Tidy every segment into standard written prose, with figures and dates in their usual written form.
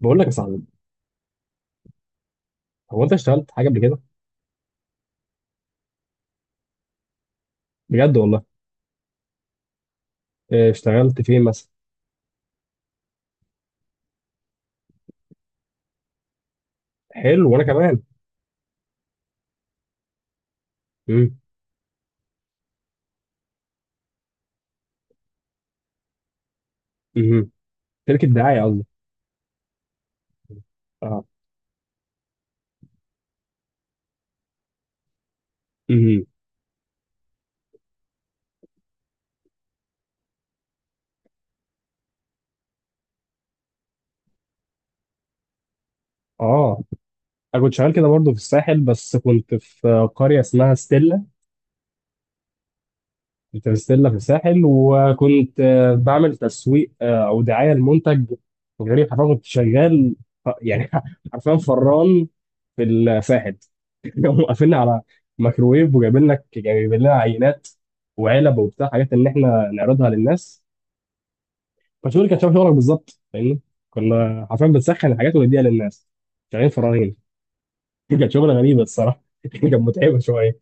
بقول لك يا صاحبي. هو انت اشتغلت حاجه قبل كده؟ بجد والله. اه، اشتغلت فين مثلا؟ حلو وانا كمان. امم. امم. شركه دعايه قصدي. اه. امم. اه. انا كنت شغال كده برضه في الساحل، بس كنت في قريه اسمها ستيلا. كنت في ستيلا في الساحل، وكنت بعمل تسويق، او دعايه لمنتج غريب. حرفيا كنت شغال، اه، يعني حرفيا فران في الساحل. قاموا قافلنا على ميكروويف، وجايبين لك جايبين لنا عينات وعلب وبتاع حاجات ان احنا نعرضها للناس. فشغل كان شبه شغلك بالظبط، فاهمني؟ كنا حرفيا بنسخن الحاجات ونديها للناس. شغالين فراغين. كانت شغله غريبه الصراحه. كانت متعبه شويه.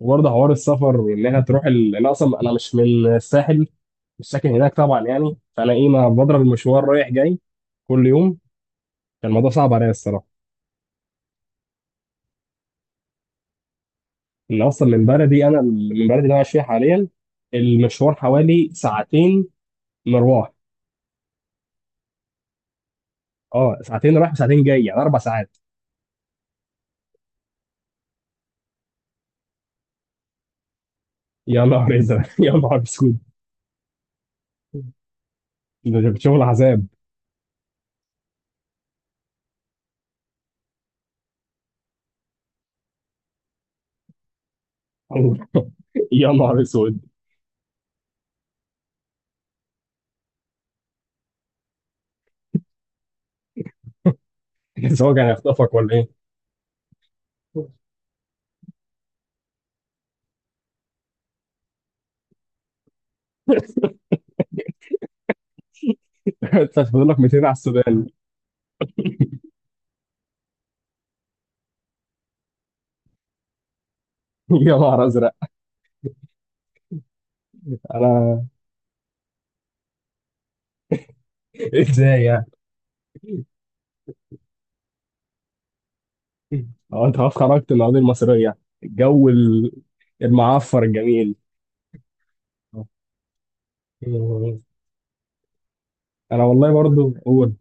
وبرضه حوار السفر، وان انا انا اصلا انا مش من الساحل، مش ساكن هناك طبعا يعني، فانا ايه ما بضرب المشوار رايح جاي كل يوم. كان الموضوع صعب عليا الصراحه. ان اصلا من بلدي، انا من بلدي اللي انا عايش فيها حاليا، المشوار حوالي ساعتين مروح. اه، ساعتين رايح وساعتين جاي يعني اربع ساعات. يا نهار ازرق. يا نهار اسود. ده كان شغل عذاب. يا نهار اسود. بس هو كان هيخطفك ولا ايه؟ انت فاضل لك 200 على السودان. يا نهار ازرق. انا. ازاي يعني؟ هو انت خلاص خرجت من القضيه المصريه. الجو المعفر الجميل. انا والله برضو قول.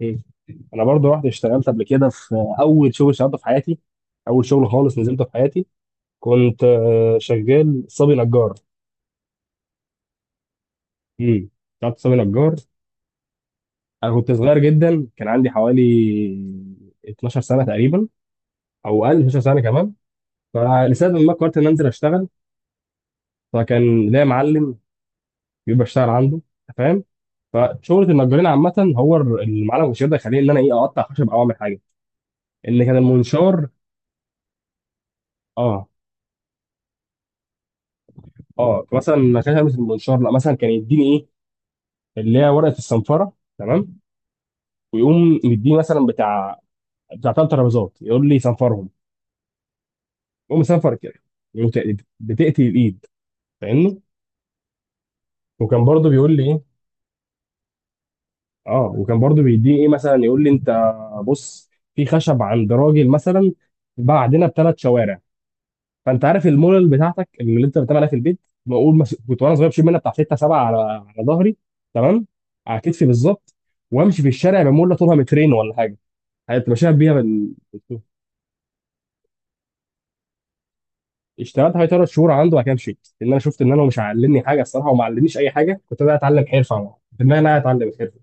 انا برضو رحت اشتغلت قبل كده في اول شغل اشتغلته في حياتي، اول شغل خالص نزلته في حياتي. كنت شغال صبي نجار. امم. بتاعت سامي نجار. انا كنت صغير جدا، كان عندي حوالي 12 سنه تقريبا، او اقل 12 سنه كمان. فلسبب ما قررت ان انزل اشتغل. فكان ليا معلم بيبقى اشتغل عنده، أنت فاهم؟ فشغله النجارين عامه، هو المعلم مش يقدر يخليني ان انا ايه اقطع خشب او اعمل حاجه ان كان المنشار. اه. اه مثلا ما كانش ألبس المنشار، لا مثلا كان يديني ايه اللي هي ورقه الصنفره. تمام. ويقوم مديني مثلا بتاع 3 ترابيزات، يقول لي صنفرهم. المهم سافر كده، وت- بتقتل الايد، فاهمني؟ وكان برضه بيقول لي ايه. اه، وكان برضو بيديني ايه، مثلا يقول لي انت بص، في خشب عند راجل مثلا بعدنا ب3 شوارع، فانت عارف المولل بتاعتك اللي انت بتعملها في البيت، بقول كنت وانا صغير بشيل منها بتاع 6 7 على ظهري. تمام. على كتفي بالظبط، وامشي في الشارع بمولة طولها مترين ولا حاجه. هتبقى شايف بيها بال... اشتغلت حوالي 3 شهور عنده، وبعد كده مشيت لان انا شفت ان انا مش علمني حاجه الصراحه، وما علمنيش اي حاجه. كنت انا اتعلم حرفه عموماً. في دماغي ان انا اتعلم الحرفه.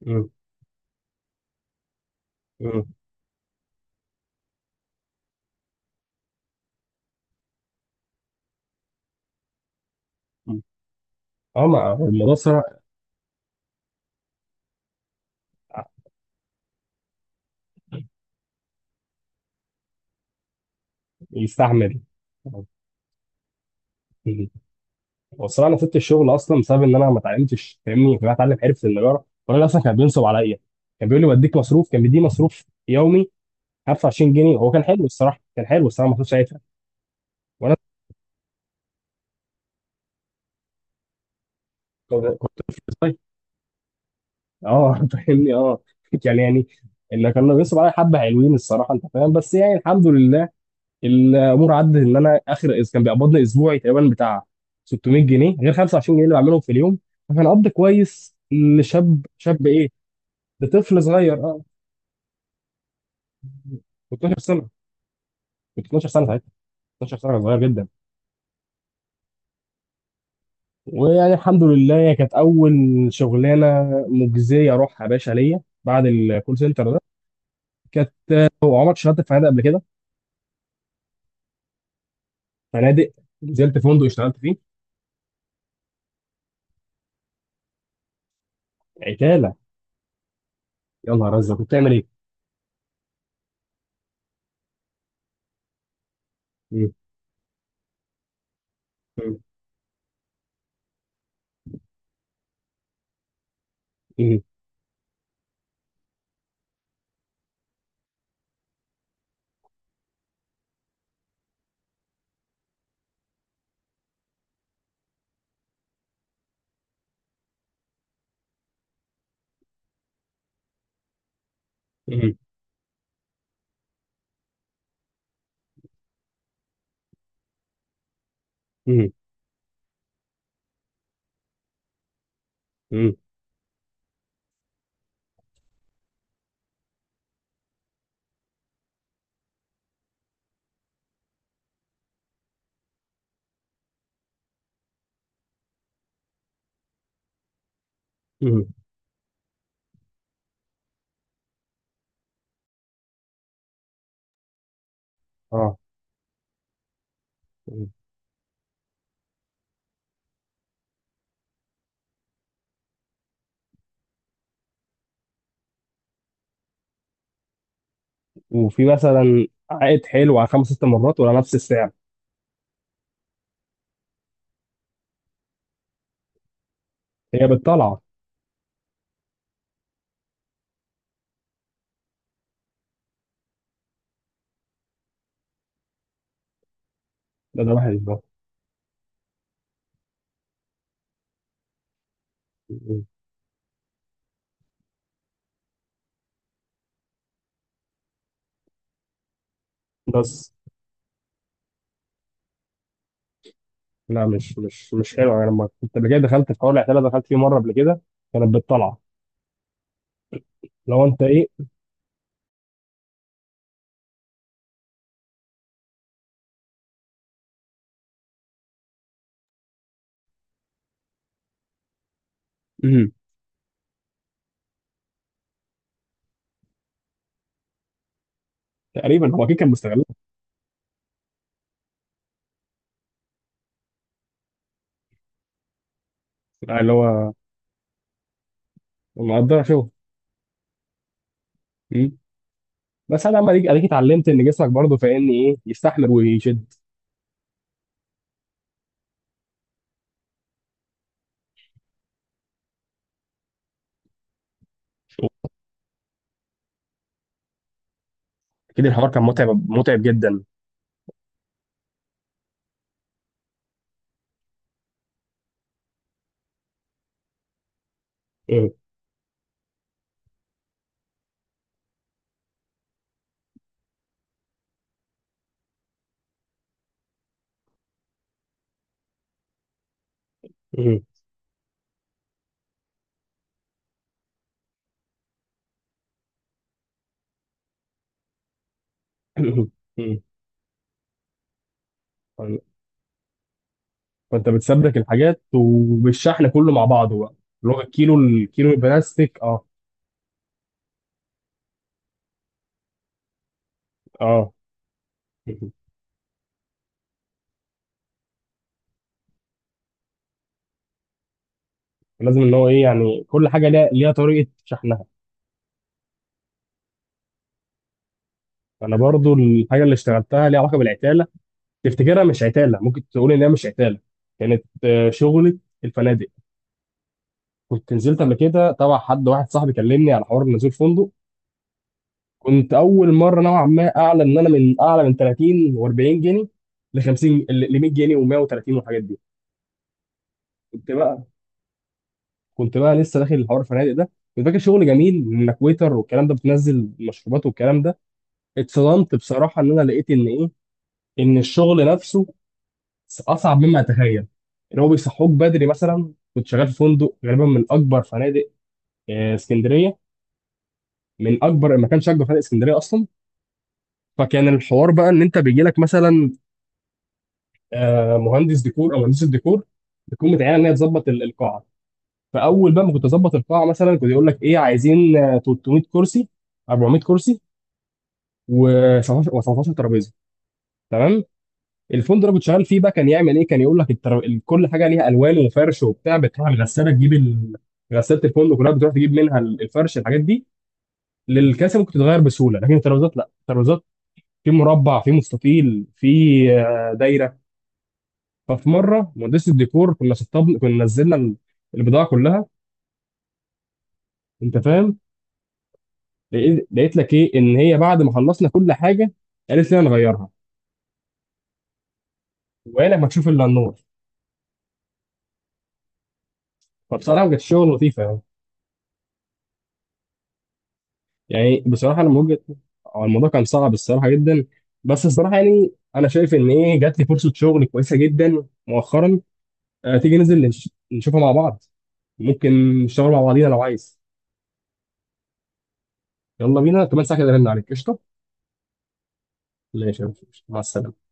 مم. مم. مم. اه، ما هو الموضوع الصراحه. يستحمل. مم. هو الصراحه انا سبت الشغل اصلا بسبب ان انا ما اتعلمتش فاهمني، فانا اتعلم حرفه النجاره، والراجل اصلا كان بينصب عليا. كان بيقول لي بديك مصروف، كان بيديني مصروف يومي 25 جنيه. هو كان حلو الصراحه، كان حلو الصراحه ما كنتش ساعتها وانا كنت طفل. اه فاهمني. اه، يعني اللي كانوا بيصروا عليا حبه حلوين الصراحه انت فاهم، بس يعني الحمد لله الامور عدت. ان انا اخر كان بيقبضني اسبوعي تقريبا بتاع 600 جنيه، غير 25 جنيه اللي بعملهم في اليوم. فكان قبض كويس لشاب، شاب ايه، لطفل صغير اه. كنت 12 سنه، كنت 12 سنه ساعتها، 12 سنه صغير جدا. ويعني الحمد لله هي كانت اول شغلانه مجزيه اروحها يا باشا ليا بعد الكول سنتر ده. كانت. هو عمرك اشتغلت في فنادق قبل كده؟ فنادق. نزلت فندق اشتغلت فيه. عتالة. يا نهار أزرق، كنت بتعمل إيه؟ مم. مم. مم. مم. مم. مم. مم. آه. مم. وفي مثلا عائد حلو على خمس ست مرات ولا نفس السعر؟ هي بالطلعة. ده واحد يبقى. مم. بس لا، مش حلو. أنا لما كنت قبل كده دخلت في حوار العتالة، دخلت فيه مرة قبل كده، كانت بالطلعة. لو أنت إيه. مم. تقريبا هو أكيد كان مستغلك. اللي هو. مقدرة شغل. مم. بس أنا لما أديك اتعلمت إن جسمك برضه فاهمني إيه، يستحمل ويشد. أكيد الحوار كان متعب متعب جدا. مم. مم. فانت بتسبك الحاجات وبالشحن كله مع بعضه بقى. اللي هو الكيلو البلاستيك اه. اه. مم. لازم ان هو ايه يعني كل حاجه ليها طريقه شحنها. انا برضو الحاجه اللي اشتغلتها ليها علاقه بالعتاله، تفتكرها مش عتاله، ممكن تقول ان هي مش عتاله. كانت شغلة الفنادق. كنت نزلت قبل كده تبع حد واحد، صاحبي كلمني على حوار نزول فندق. كنت اول مره نوعا ما اعلى، ان انا من اعلى من 30 و40 جنيه، ل 50 ل 100 جنيه و130 والحاجات دي. كنت بقى كنت بقى لسه داخل الحوار الفنادق ده. كنت فاكر شغل جميل انك ويتر والكلام ده، بتنزل مشروبات والكلام ده. اتصدمت بصراحه ان انا لقيت ان ايه، ان الشغل نفسه اصعب مما اتخيل. ان هو بيصحوك بدري. مثلا كنت شغال في فندق غالبا من اكبر فنادق اسكندريه، من اكبر، ما كانش اكبر فنادق اسكندريه اصلا. فكان الحوار بقى ان انت بيجي لك مثلا مهندس ديكور او مهندس الديكور، بتكون متعينه ان هي تظبط القاعه. فاول بقى ما كنت اظبط القاعه مثلا، كنت يقول لك ايه عايزين 300 كرسي، 400 كرسي، و17 و17 ترابيزه. تمام. الفندق اللي كنت شغال فيه بقى كان يعمل ايه، كان يقول لك كل حاجه ليها الوان وفرش وبتاع، بتروح الغساله تجيب ال... غساله الفندق كلها بتروح تجيب منها الفرش الحاجات دي. للكاسه ممكن تتغير بسهوله، لكن الترابيزات لا، الترابيزات في مربع، في مستطيل، في دايره. ففي مره مهندس الديكور كنا نزلنا البضاعه كلها انت فاهم، لقيت لك ايه ان هي بعد ما خلصنا كل حاجه قالت لنا نغيرها، وقال لما تشوف الا النور. فبصراحه كانت شغل لطيفه يعني. يعني بصراحه لما وجهت، هو الموضوع كان صعب الصراحه جدا. بس الصراحه يعني انا شايف ان ايه جات لي فرصه شغل كويسه جدا مؤخرا. أه، تيجي ننزل نشوفها مع بعض؟ ممكن نشتغل مع بعضينا لو عايز. يلا بينا كمان ساعه كده رن عليك قشطه. ماشي يا باشا. مع السلامه.